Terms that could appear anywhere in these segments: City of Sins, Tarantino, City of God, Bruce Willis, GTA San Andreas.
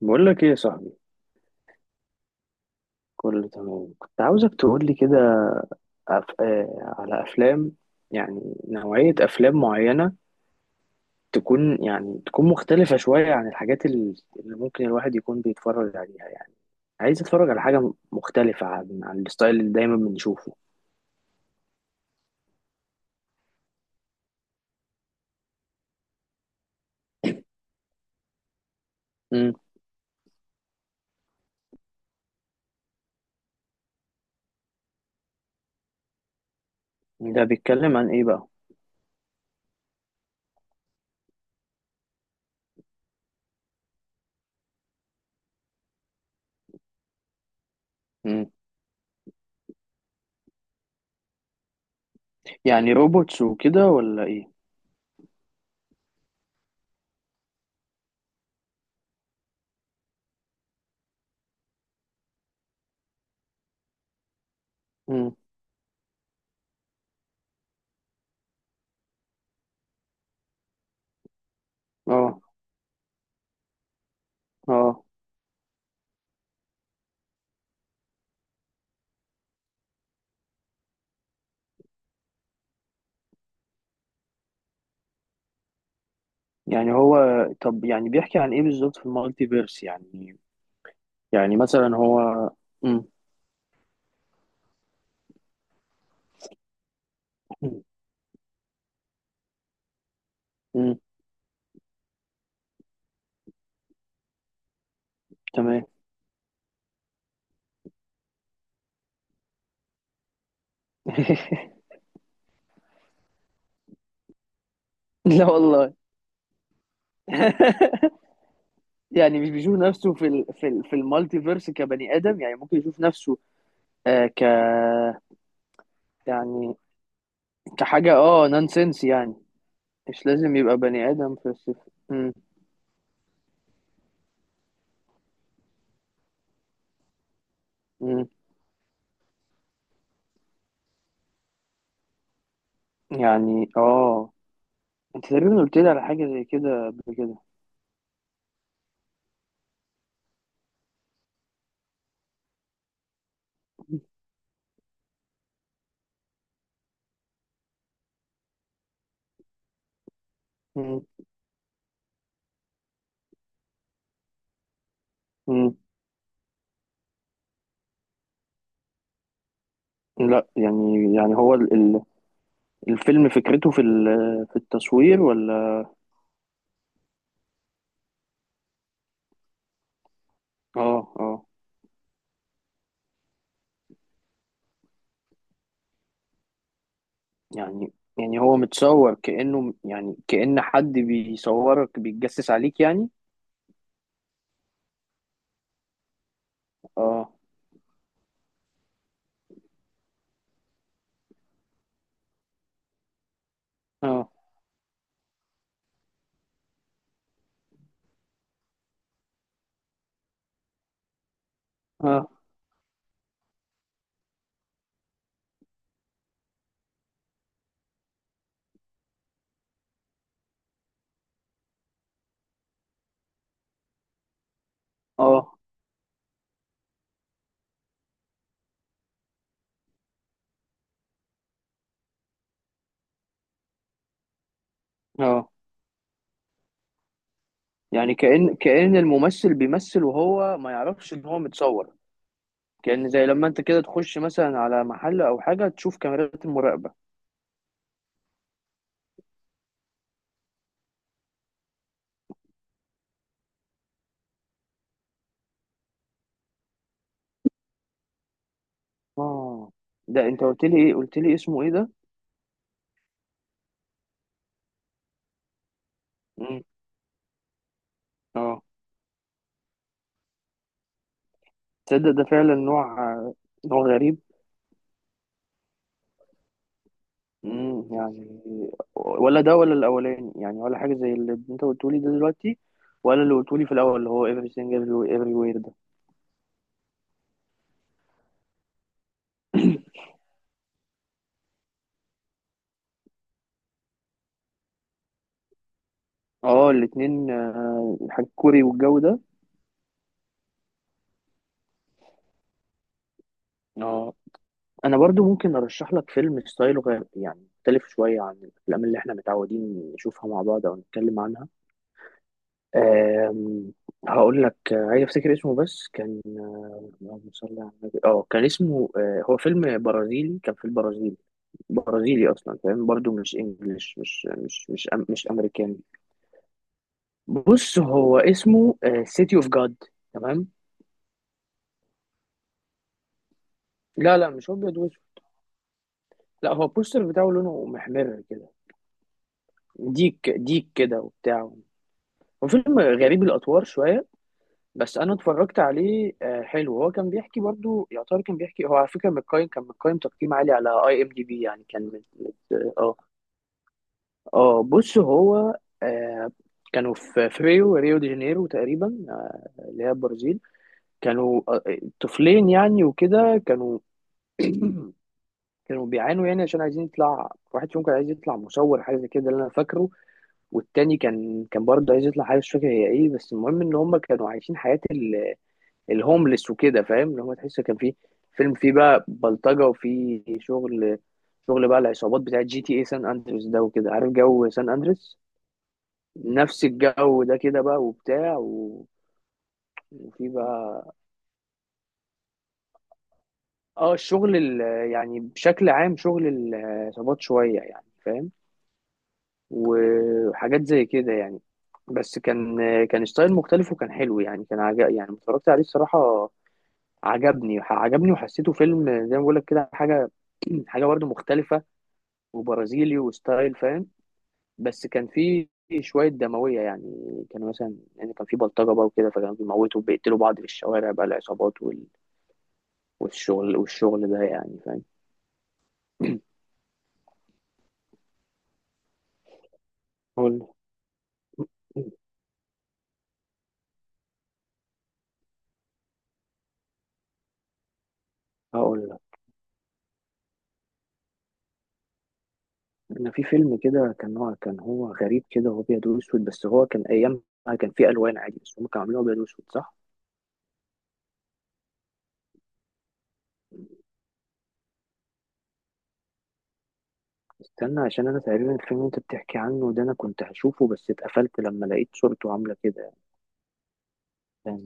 بقول لك ايه يا صاحبي؟ كله تمام. كنت عاوزك تقول لي كده. أف... آه على افلام، يعني نوعية افلام معينة، تكون تكون مختلفة شوية عن الحاجات اللي ممكن الواحد يكون بيتفرج عليها يعني. عايز اتفرج على حاجة مختلفة عن الستايل اللي دايما بنشوفه. امم. ده بيتكلم عن ايه بقى؟ امم. يعني روبوتس وكده ولا ايه؟ امم، اه، اه. يعني هو طب يعني بيحكي عن ايه بالظبط في المالتي فيرس يعني؟ يعني مثلا هو. امم. تمام. لا والله. يعني مش بيشوف نفسه في المالتيفيرس كبني ادم، يعني ممكن يشوف نفسه. آه ك يعني كحاجه نونسنس يعني، مش لازم يبقى بني ادم في الصفر. مم. يعني اه، انت تقريبا قلت لي على حاجه زي كده قبل كده. مم. مم. لا، يعني هو الفيلم فكرته في التصوير ولا؟ اه، اه. يعني هو متصور كأنه، يعني كأن حد بيصورك بيتجسس عليك يعني. اه، اه، اه، اه، اه. يعني كأن الممثل بيمثل وهو ما يعرفش ان هو متصور، كأن زي لما انت كده تخش مثلا على محل او حاجة تشوف كاميرات المراقبة. اه. ده انت قلت لي ايه، قلت لي اسمه ايه ده؟ مم. اه. تصدق ده فعلا نوع، غريب. مم، يعني ولا ده ولا الاولاني يعني، ولا حاجه زي اللي انت قلتولي ده دلوقتي، ولا اللي قلتولي في الاول اللي هو everything everywhere ده. اه الاتنين. حاجة كوري والجو ده. اه، انا برضو ممكن ارشح لك فيلم ستايله غير، يعني مختلف شويه عن الافلام اللي احنا متعودين نشوفها مع بعض او نتكلم عنها. آم، هقول لك. عايز افتكر اسمه. بس كان اللهم صل على النبي. اه، كان اسمه هو فيلم برازيلي، كان في البرازيل. برازيلي اصلا فاهم؟ برضو مش انجلش، مش امريكاني. بص، هو اسمه سيتي اوف جاد. تمام. لا، لا، مش ابيض واسود، لا، هو البوستر بتاعه لونه محمر كده، ديك كده وبتاع. هو فيلم غريب الاطوار شويه. بس انا اتفرجت عليه، حلو. هو كان بيحكي، برضو يعتبر كان بيحكي هو، على فكره متقيم، كان متقيم تقييم عالي على IMDB يعني. كان مت... مت... اه اه بص هو. آه، كانوا في ريو دي جانيرو تقريبا، اللي هي البرازيل. كانوا طفلين يعني وكده. كانوا كانوا بيعانوا يعني، عشان عايزين يطلع واحد فيهم، كان عايز يطلع مصور حاجه زي كده، ده اللي انا فاكره. والتاني كان برضه عايز يطلع حاجه، مش فاكر هي ايه. بس المهم ان هم كانوا عايشين حياه الهوملس وكده، فاهم؟ اللي هم تحس كان في فيلم، فيه بقى بلطجه، وفيه شغل، شغل بقى العصابات بتاعه GTA سان اندريس ده، وكده عارف جو سان اندريس، نفس الجو ده كده بقى، وبتاع وفي بقى اه الشغل يعني بشكل عام شغل العصابات شوية، يعني فاهم، وحاجات زي كده يعني. بس كان كان ستايل مختلف وكان حلو يعني، كان عجب يعني لما اتفرجت عليه الصراحة. عجبني، وحسيته فيلم زي ما بقول لك كده، حاجة حاجة برضه مختلفة، وبرازيلي وستايل، فاهم؟ بس كان فيه شوية دموية يعني، كان مثلا، كان فيه بلطجة بقى وكده، فكانوا بيموتوا وبيقتلوا بعض في الشوارع بقى، العصابات والشغل، ده، يعني فاهم. قول. هقول. انا في فيلم كده، كان هو غريب كده، هو ابيض واسود، بس هو كان ايامها كان فيه الوان عادي، بس هم كانوا عاملينه ابيض واسود صح. استنى، عشان انا تقريبا الفيلم اللي انت بتحكي عنه ده انا كنت هشوفه، بس اتقفلت لما لقيت صورته عامله كده. كان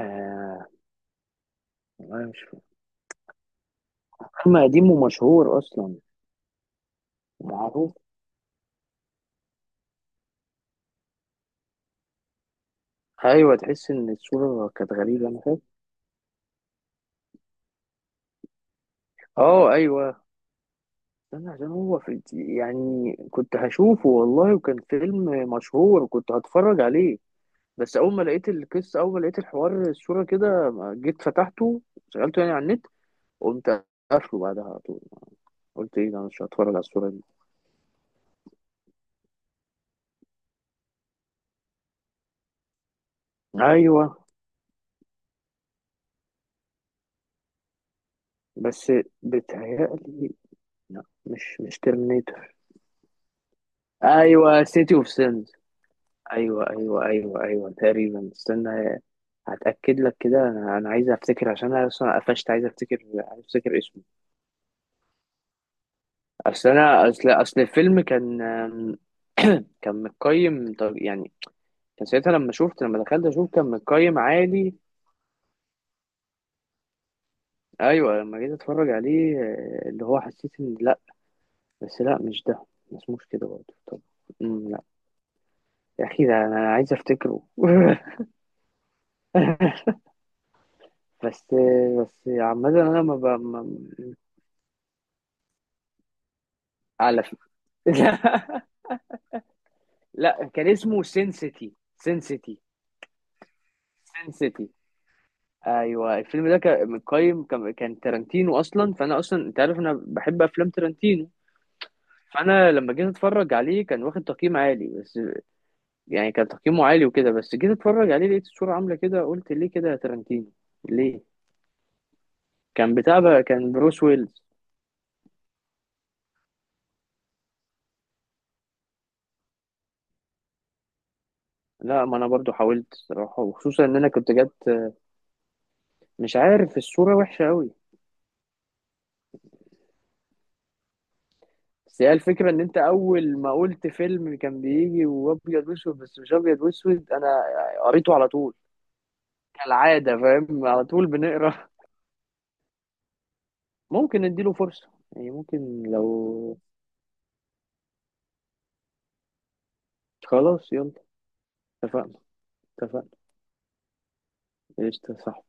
آه والله مش فاكر. فيلم قديم ومشهور اصلا. معروف. ايوه، تحس ان الصوره كانت غريبه، انا فاكر. اه، ايوه. استنى، عشان هو في يعني كنت هشوفه والله، وكان فيلم مشهور، وكنت هتفرج عليه، بس اول ما لقيت القصه، اول ما لقيت الحوار، الصوره كده ما جيت فتحته، شغلته يعني على النت، قمت قافله بعدها على طول. قلت ايه ده، أنا مش هتفرج على الصوره دي. ايوه. بس بتهيألي، لا، مش ترمينيتور. ايوه، سيتي اوف سينز. ايوه، ايوه، ايوه، ايوه، تقريبا. استنى هتاكد لك كده، انا عايز افتكر، عشان انا اصلا قفشت عايز افتكر، عايز افتكر اسمه. اصل انا اصل الفيلم كان كان متقيم طب يعني، كان ساعتها لما شفت، لما دخلت اشوف كان متقيم عالي. ايوه، لما جيت اتفرج عليه اللي هو حسيت ان لا. بس لا، مش ده، ما اسموش كده برضه طب. لا. يا اخي ده انا عايز افتكره. بس، بس عامة انا ما ب... ما... على فكرة. لا، كان اسمه سينسيتي، سينسيتي. ايوه الفيلم ده كان متقيم، كان تارانتينو اصلا، فانا اصلا انت عارف انا بحب افلام تارانتينو، فانا لما جيت اتفرج عليه كان واخد تقييم عالي، بس يعني كان تقييمه عالي وكده، بس جيت اتفرج عليه لقيت الصورة عاملة كده، قلت ليه كده يا تارانتينو، ليه؟ كان بتاع بقى، كان بروس ويلز. لا، ما انا برضو حاولت الصراحة، وخصوصا ان انا كنت جت، مش عارف، الصورة وحشة قوي. بس هي الفكرة ان انت اول ما قلت فيلم كان بيجي وابيض واسود بس مش ابيض واسود، انا قريته على طول، كالعادة فاهم، على طول بنقرا. ممكن نديله فرصة يعني، ممكن لو خلاص يلا. اتفقنا. اتفقنا. قشطة، صح.